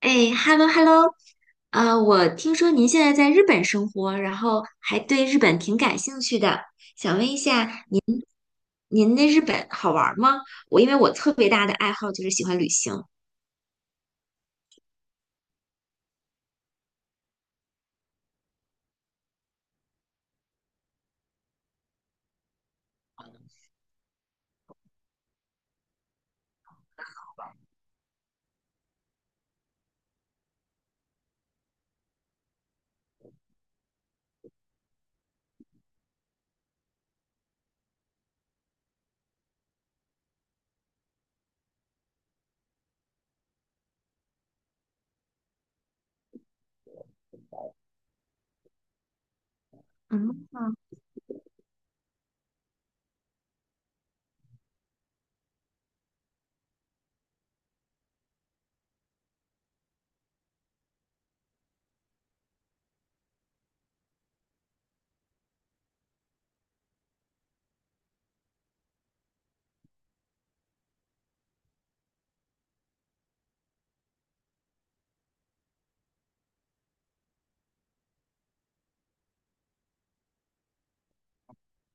哎，hello hello，我听说您现在在日本生活，然后还对日本挺感兴趣的，想问一下，您那日本好玩儿吗？我因为我特别大的爱好就是喜欢旅行。嗯。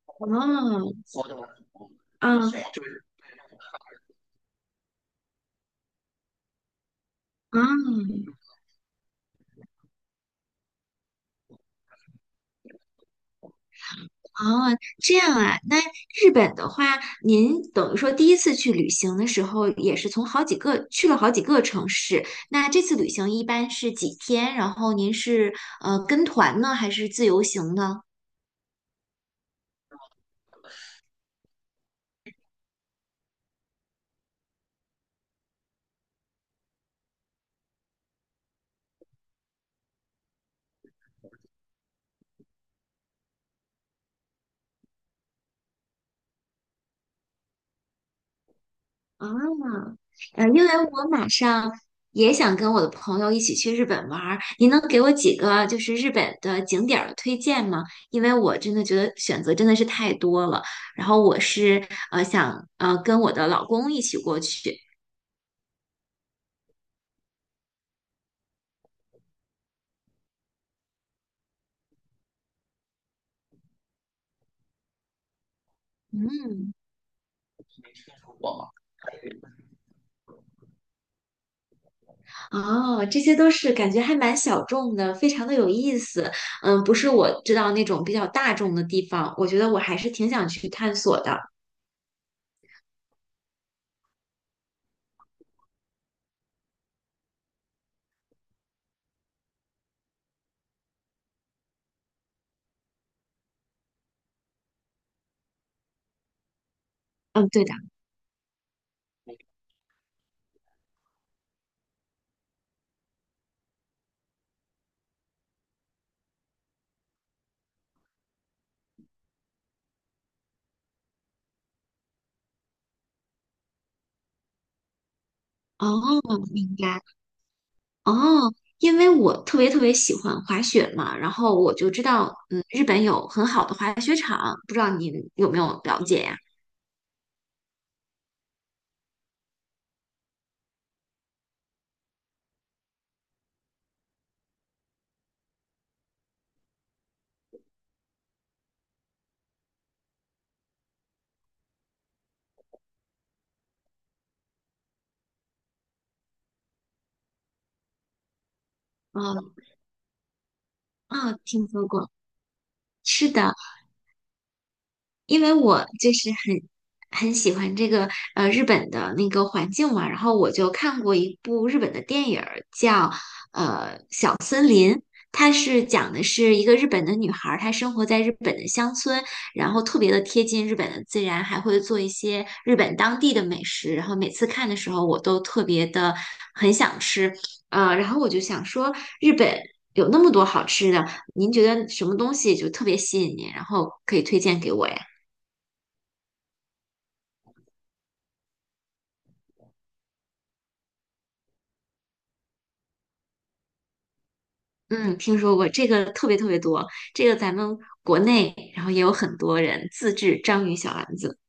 哦。嗯。嗯。哦，这样啊。那日本的话，您等于说第一次去旅行的时候，也是从好几个去了好几个城市。那这次旅行一般是几天？然后您是跟团呢，还是自由行呢？啊，因为我马上也想跟我的朋友一起去日本玩儿，您能给我几个就是日本的景点儿的推荐吗？因为我真的觉得选择真的是太多了，然后我是想跟我的老公一起过去。嗯。哦，这些都是感觉还蛮小众的，非常的有意思。嗯，不是我知道那种比较大众的地方，我觉得我还是挺想去探索的。嗯，对的。哦，明白。哦，因为我特别特别喜欢滑雪嘛，然后我就知道，嗯，日本有很好的滑雪场，不知道您有没有了解呀？嗯。啊，听说过。是的，因为我就是很喜欢这个日本的那个环境嘛，然后我就看过一部日本的电影儿叫它是讲的是一个日本的女孩儿，她生活在日本的乡村，然后特别的贴近日本的自然，还会做一些日本当地的美食。然后每次看的时候，我都特别的很想吃，然后我就想说，日本有那么多好吃的，您觉得什么东西就特别吸引您，然后可以推荐给我呀？嗯，听说过这个特别特别多，这个咱们国内然后也有很多人自制章鱼小丸子。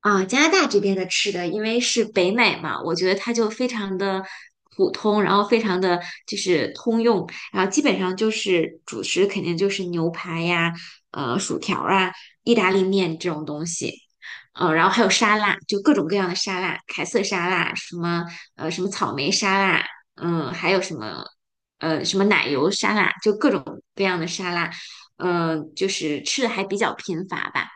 啊，加拿大这边的吃的，因为是北美嘛，我觉得它就非常的普通，然后非常的就是通用，然后基本上就是主食肯定就是牛排呀、薯条啊、意大利面这种东西，然后还有沙拉，就各种各样的沙拉，凯撒沙拉，什么什么草莓沙拉，嗯、还有什么什么奶油沙拉，就各种各样的沙拉，嗯、就是吃的还比较贫乏吧。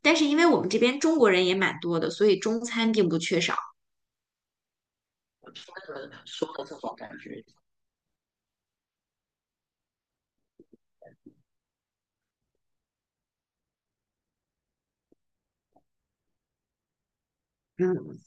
但是因为我们这边中国人也蛮多的，所以中餐并不缺少。嗯。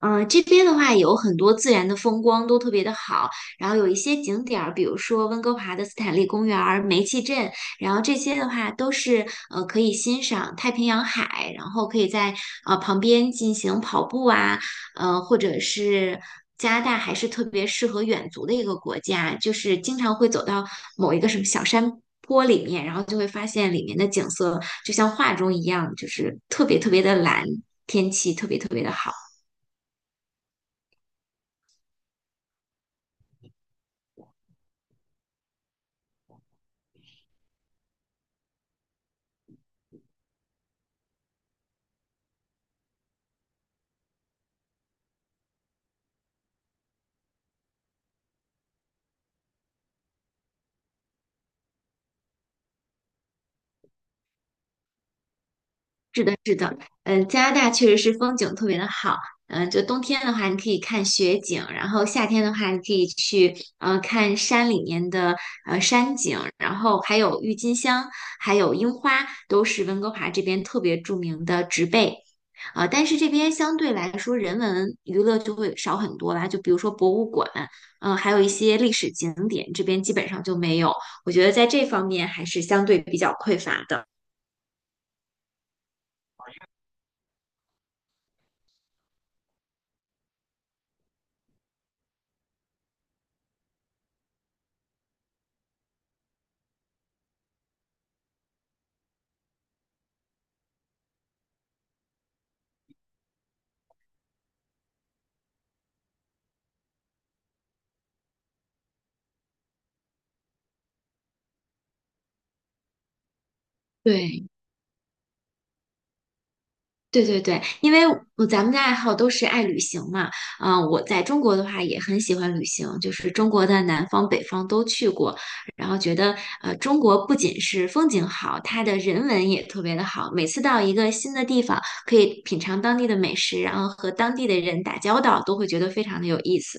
嗯，这边的话有很多自然的风光都特别的好，然后有一些景点儿，比如说温哥华的斯坦利公园儿、煤气镇，然后这些的话都是可以欣赏太平洋海，然后可以在旁边进行跑步啊，或者是加拿大还是特别适合远足的一个国家，就是经常会走到某一个什么小山坡里面，然后就会发现里面的景色就像画中一样，就是特别特别的蓝，天气特别特别的好。嗯，加拿大确实是风景特别的好。嗯，就冬天的话，你可以看雪景；然后夏天的话，你可以去嗯看山里面的山景，然后还有郁金香，还有樱花，都是温哥华这边特别著名的植被。啊。但是这边相对来说，人文娱乐就会少很多啦。就比如说博物馆，嗯、还有一些历史景点，这边基本上就没有。我觉得在这方面还是相对比较匮乏的。对，对对对，因为我咱们的爱好都是爱旅行嘛，嗯、我在中国的话也很喜欢旅行，就是中国的南方、北方都去过，然后觉得中国不仅是风景好，它的人文也特别的好。每次到一个新的地方，可以品尝当地的美食，然后和当地的人打交道，都会觉得非常的有意思。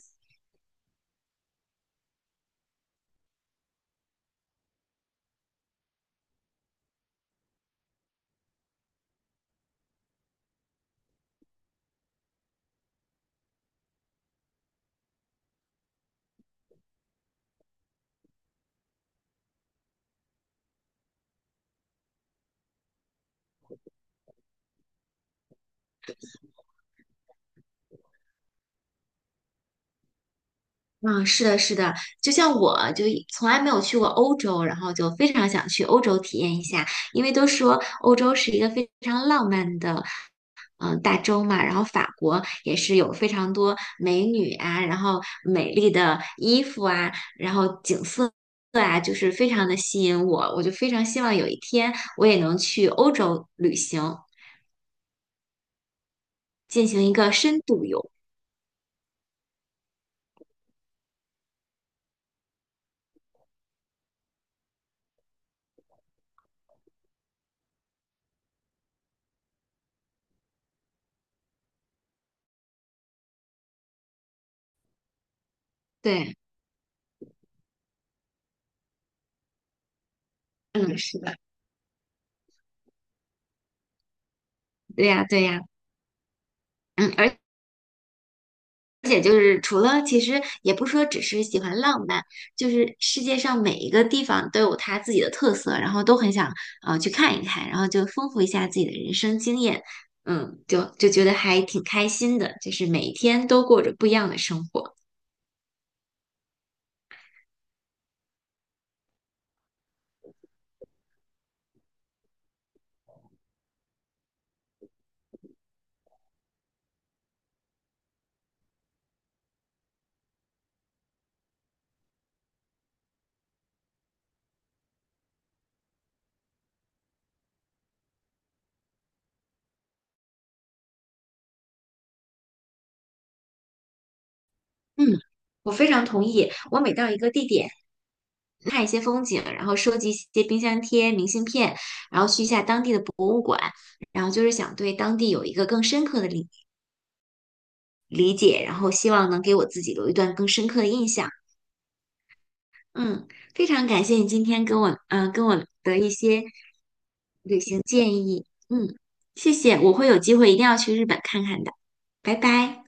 嗯，是的，是的，就像我就一从来没有去过欧洲，然后就非常想去欧洲体验一下，因为都说欧洲是一个非常浪漫的，嗯、大洲嘛，然后法国也是有非常多美女啊，然后美丽的衣服啊，然后景色啊，就是非常的吸引我，我就非常希望有一天我也能去欧洲旅行，进行一个深度游。对，嗯，是的，对呀，对呀，嗯，而。而且就是除了，其实也不说只是喜欢浪漫，就是世界上每一个地方都有它自己的特色，然后都很想去看一看，然后就丰富一下自己的人生经验，嗯，就觉得还挺开心的，就是每一天都过着不一样的生活。嗯，我非常同意，我每到一个地点。看一些风景，然后收集一些冰箱贴、明信片，然后去一下当地的博物馆，然后就是想对当地有一个更深刻的理解，然后希望能给我自己留一段更深刻的印象。嗯，非常感谢你今天跟我，嗯、跟我的一些旅行建议。嗯，谢谢，我会有机会一定要去日本看看的。拜拜。